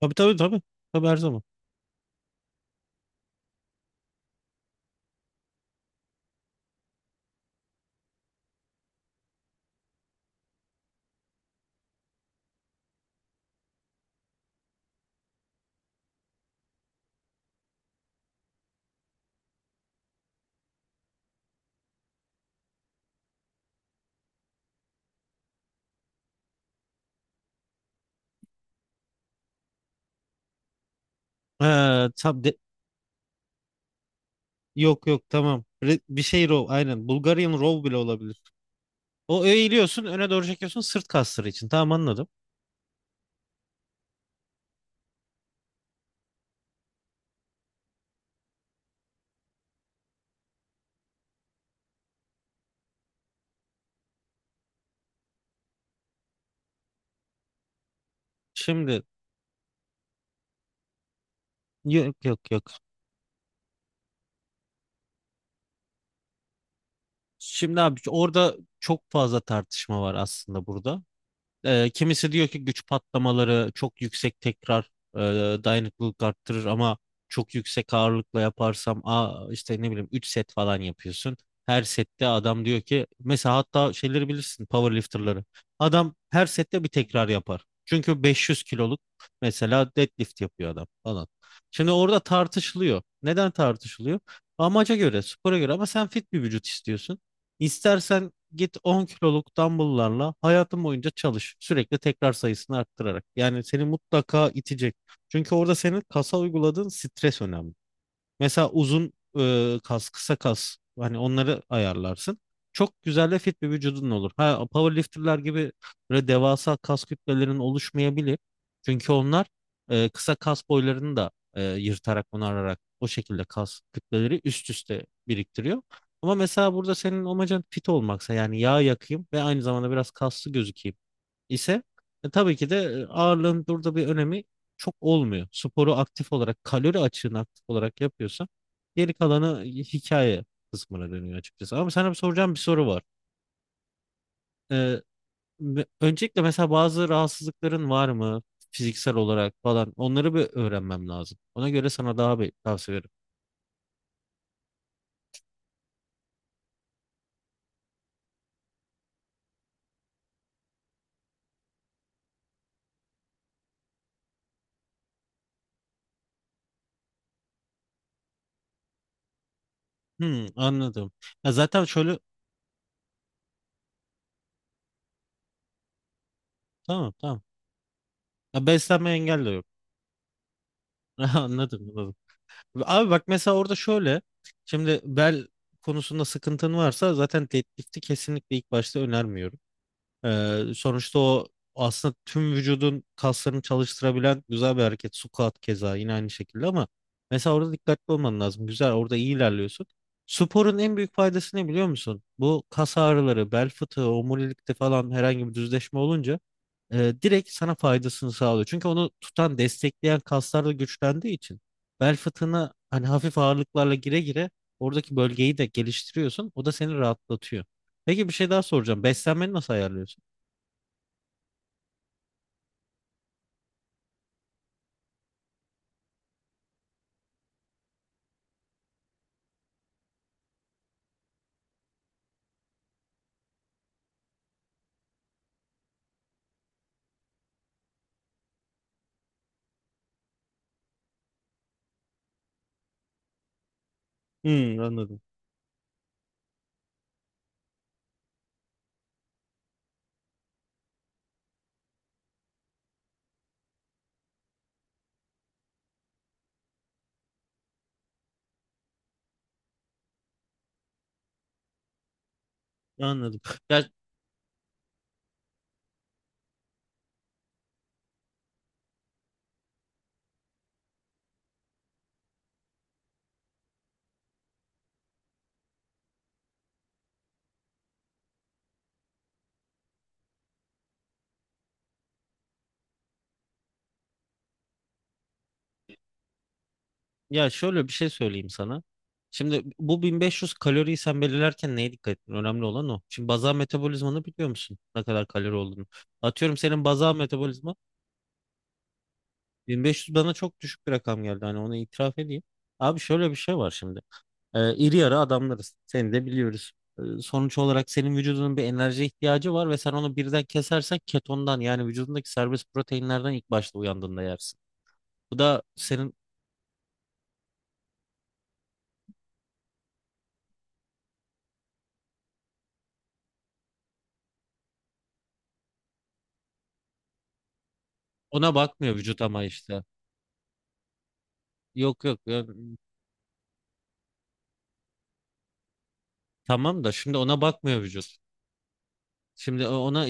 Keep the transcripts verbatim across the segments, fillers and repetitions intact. Tabii tabii tabii. Tabii her zaman. Ha, tab de- yok yok, tamam. Re- bir şey row, aynen. Bulgarian row bile olabilir. O eğiliyorsun, öne doğru çekiyorsun sırt kasları için. Tamam, anladım. Şimdi yok yok yok. Şimdi abi orada çok fazla tartışma var aslında burada. E, kimisi diyor ki güç patlamaları çok yüksek tekrar e, dayanıklılık arttırır ama çok yüksek ağırlıkla yaparsam a, işte ne bileyim üç set falan yapıyorsun. Her sette adam diyor ki, mesela, hatta şeyleri bilirsin, powerlifterları. Adam her sette bir tekrar yapar. Çünkü beş yüz kiloluk mesela deadlift yapıyor adam falan. Şimdi orada tartışılıyor. Neden tartışılıyor? Amaca göre, spora göre, ama sen fit bir vücut istiyorsun. İstersen git on kiloluk dumbbell'larla hayatın boyunca çalış, sürekli tekrar sayısını arttırarak. Yani seni mutlaka itecek. Çünkü orada senin kasa uyguladığın stres önemli. Mesela uzun e, kas, kısa kas, hani onları ayarlarsın. Çok güzel ve fit bir vücudun olur. Ha, powerlifterlar gibi böyle devasa kas kütlelerin oluşmayabilir. Çünkü onlar e, kısa kas boylarını da e, yırtarak, onararak o şekilde kas kütleleri üst üste biriktiriyor. Ama mesela burada senin amacın fit olmaksa, yani yağ yakayım ve aynı zamanda biraz kaslı gözükeyim ise, e, tabii ki de e, ağırlığın burada bir önemi çok olmuyor. Sporu aktif olarak, kalori açığını aktif olarak yapıyorsan geri kalanı e, hikaye kısmına dönüyor açıkçası. Ama sana bir soracağım bir soru var. E, me- Öncelikle mesela bazı rahatsızlıkların var mı? Fiziksel olarak falan, onları bir öğrenmem lazım. Ona göre sana daha bir tavsiye veririm. Hmm, anladım. Ya zaten şöyle, tamam tamam. Ya beslenme engel de yok. Anladım, anladım. Abi bak mesela orada şöyle. Şimdi bel konusunda sıkıntın varsa zaten deadlift'i kesinlikle ilk başta önermiyorum. Ee, sonuçta o aslında tüm vücudun kaslarını çalıştırabilen güzel bir hareket. Squat keza yine aynı şekilde, ama mesela orada dikkatli olman lazım. Güzel, orada iyi ilerliyorsun. Sporun en büyük faydası ne biliyor musun? Bu kas ağrıları, bel fıtığı, omurilikte falan herhangi bir düzleşme olunca e, direkt sana faydasını sağlıyor. Çünkü onu tutan, destekleyen kaslar da güçlendiği için bel fıtığına hani hafif ağırlıklarla gire gire oradaki bölgeyi de geliştiriyorsun. O da seni rahatlatıyor. Peki bir şey daha soracağım. Beslenmeni nasıl ayarlıyorsun? Hmm, anladım. Anladım. Ya, ya şöyle bir şey söyleyeyim sana. Şimdi bu bin beş yüz kaloriyi sen belirlerken neye dikkat ettin? Önemli olan o. Şimdi bazal metabolizmanı biliyor musun? Ne kadar kalori olduğunu. Atıyorum senin bazal metabolizma bin beş yüz bana çok düşük bir rakam geldi. Hani onu itiraf edeyim. Abi şöyle bir şey var şimdi. Ee, iri yarı adamlarız. Seni de biliyoruz. Ee, sonuç olarak senin vücudunun bir enerji ihtiyacı var ve sen onu birden kesersen ketondan, yani vücudundaki serbest proteinlerden ilk başta uyandığında yersin. Bu da senin Ona bakmıyor vücut ama işte. Yok yok. ya- Tamam da şimdi ona bakmıyor vücut. Şimdi ona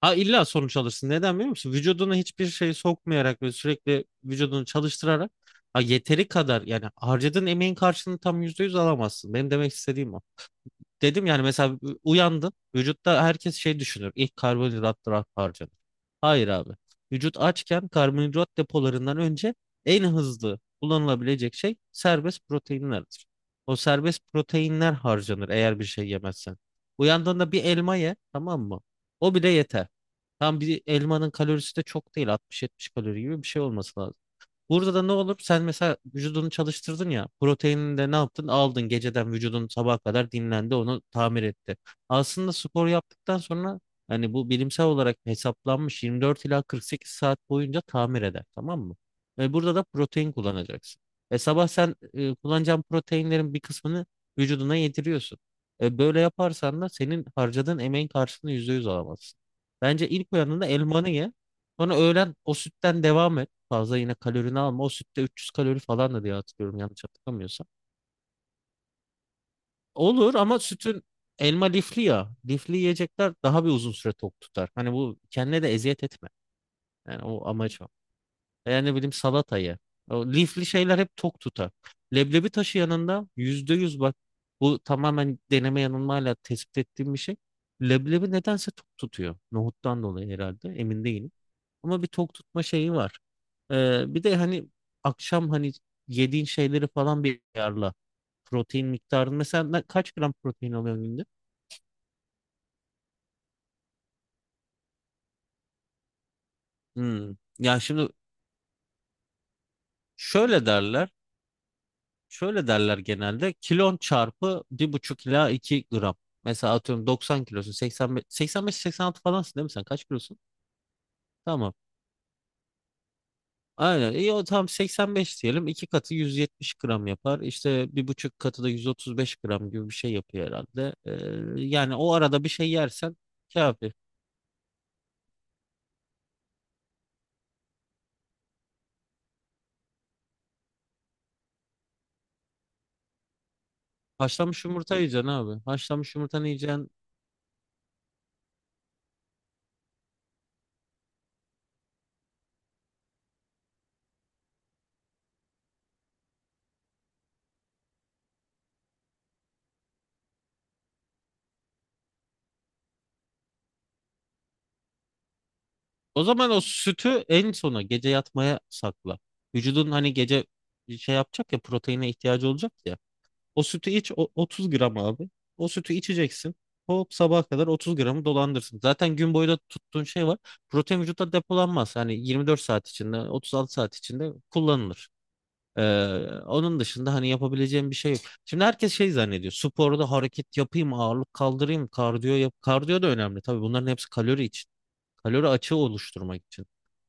Ha, illa sonuç alırsın. Neden biliyor musun? Vücuduna hiçbir şey sokmayarak ve sürekli vücudunu çalıştırarak, ha, yeteri kadar, yani harcadığın emeğin karşılığını tam yüzde yüz alamazsın. Benim demek istediğim o. Dedim yani, mesela uyandım. Vücutta herkes şey düşünür. İlk karbonhidratlar harcanır. Hayır abi. Vücut açken karbonhidrat depolarından önce en hızlı kullanılabilecek şey serbest proteinlerdir. O serbest proteinler harcanır eğer bir şey yemezsen. Uyandığında bir elma ye, tamam mı? O bile yeter. Tam bir elmanın kalorisi de çok değil, altmış yetmiş kalori gibi bir şey olması lazım. Burada da ne olur? Sen mesela vücudunu çalıştırdın ya. Proteinini de ne yaptın? Aldın geceden, vücudun sabaha kadar dinlendi, onu tamir etti. Aslında spor yaptıktan sonra, hani bu bilimsel olarak hesaplanmış, yirmi dört ila kırk sekiz saat boyunca tamir eder, tamam mı? Ve burada da protein kullanacaksın. E sabah sen e, kullanacağın proteinlerin bir kısmını vücuduna yediriyorsun. E, böyle yaparsan da senin harcadığın emeğin karşılığını yüzde yüz alamazsın. Bence ilk uyandığında elmanı ye. Sonra öğlen o sütten devam et, fazla yine kalorini alma. O sütte üç yüz kalori falan da diye hatırlıyorum yanlış hatırlamıyorsam. Olur ama sütün, elma lifli ya. Lifli yiyecekler daha bir uzun süre tok tutar. Hani bu, kendine de eziyet etme. Yani o amaç o. Yani ne bileyim salata ye. O lifli şeyler hep tok tutar. Leblebi taşı yanında yüzde yüz bak, bu tamamen deneme yanılmayla tespit ettiğim bir şey. Leblebi nedense tok tutuyor. Nohuttan dolayı herhalde, emin değilim. Ama bir tok tutma şeyi var. Ee, bir de hani akşam hani yediğin şeyleri falan bir ayarla. Protein miktarını mesela, ne- kaç gram protein alıyorsun günde? Hmm. Ya şimdi şöyle derler. Şöyle derler genelde. Kilon çarpı bir buçuk ila iki gram. Mesela atıyorum doksan kilosun. seksen beş, seksen beş seksen altı falansın değil mi sen? Kaç kilosun? Tamam. Aynen. İyi, o tam seksen beş diyelim. İki katı yüz yetmiş gram yapar. İşte bir buçuk katı da yüz otuz beş gram gibi bir şey yapıyor herhalde. Ee, yani o arada bir şey yersen kafi. Haşlanmış yumurta yiyeceksin abi. Haşlanmış yumurtanı yiyeceksin. O zaman o sütü en sona, gece yatmaya sakla. Vücudun hani gece şey yapacak ya, proteine ihtiyacı olacak ya. O sütü iç, o- otuz gram abi. O sütü içeceksin. Hop sabaha kadar otuz gramı dolandırsın. Zaten gün boyu da tuttuğun şey var. Protein vücutta depolanmaz. Hani yirmi dört saat içinde, otuz altı saat içinde kullanılır. Ee, Onun dışında hani yapabileceğim bir şey yok. Şimdi herkes şey zannediyor. Sporda hareket yapayım, ağırlık kaldırayım, kardiyo yap. Kardiyo da önemli. Tabii bunların hepsi kalori için. Kalori açığı oluşturmak için.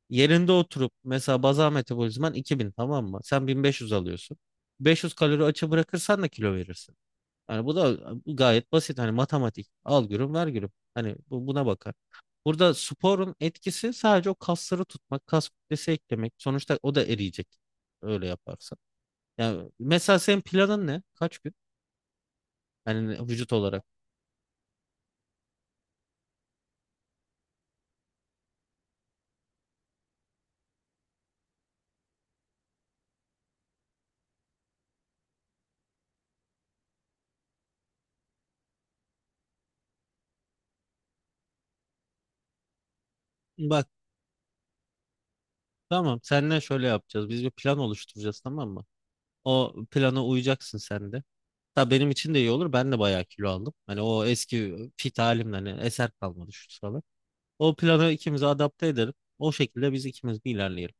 Yerinde oturup mesela bazal metabolizman iki bin, tamam mı? Sen bin beş yüz alıyorsun. beş yüz kalori açığı bırakırsan da kilo verirsin. Yani bu da gayet basit. Hani matematik. Al gülüm ver gülüm. Hani bu, buna bakar. Burada sporun etkisi sadece o kasları tutmak, kas kütlesi eklemek. Sonuçta o da eriyecek. Öyle yaparsan. Yani mesela senin planın ne? Kaç gün? Hani vücut olarak. Bak, tamam, seninle şöyle yapacağız. Biz bir plan oluşturacağız, tamam mı? O plana uyacaksın sen de. Tabii benim için de iyi olur. Ben de bayağı kilo aldım. Hani o eski fit halimden hani eser kalmadı şu sıralar. O planı ikimize adapte edelim. O şekilde biz ikimiz bir ilerleyelim.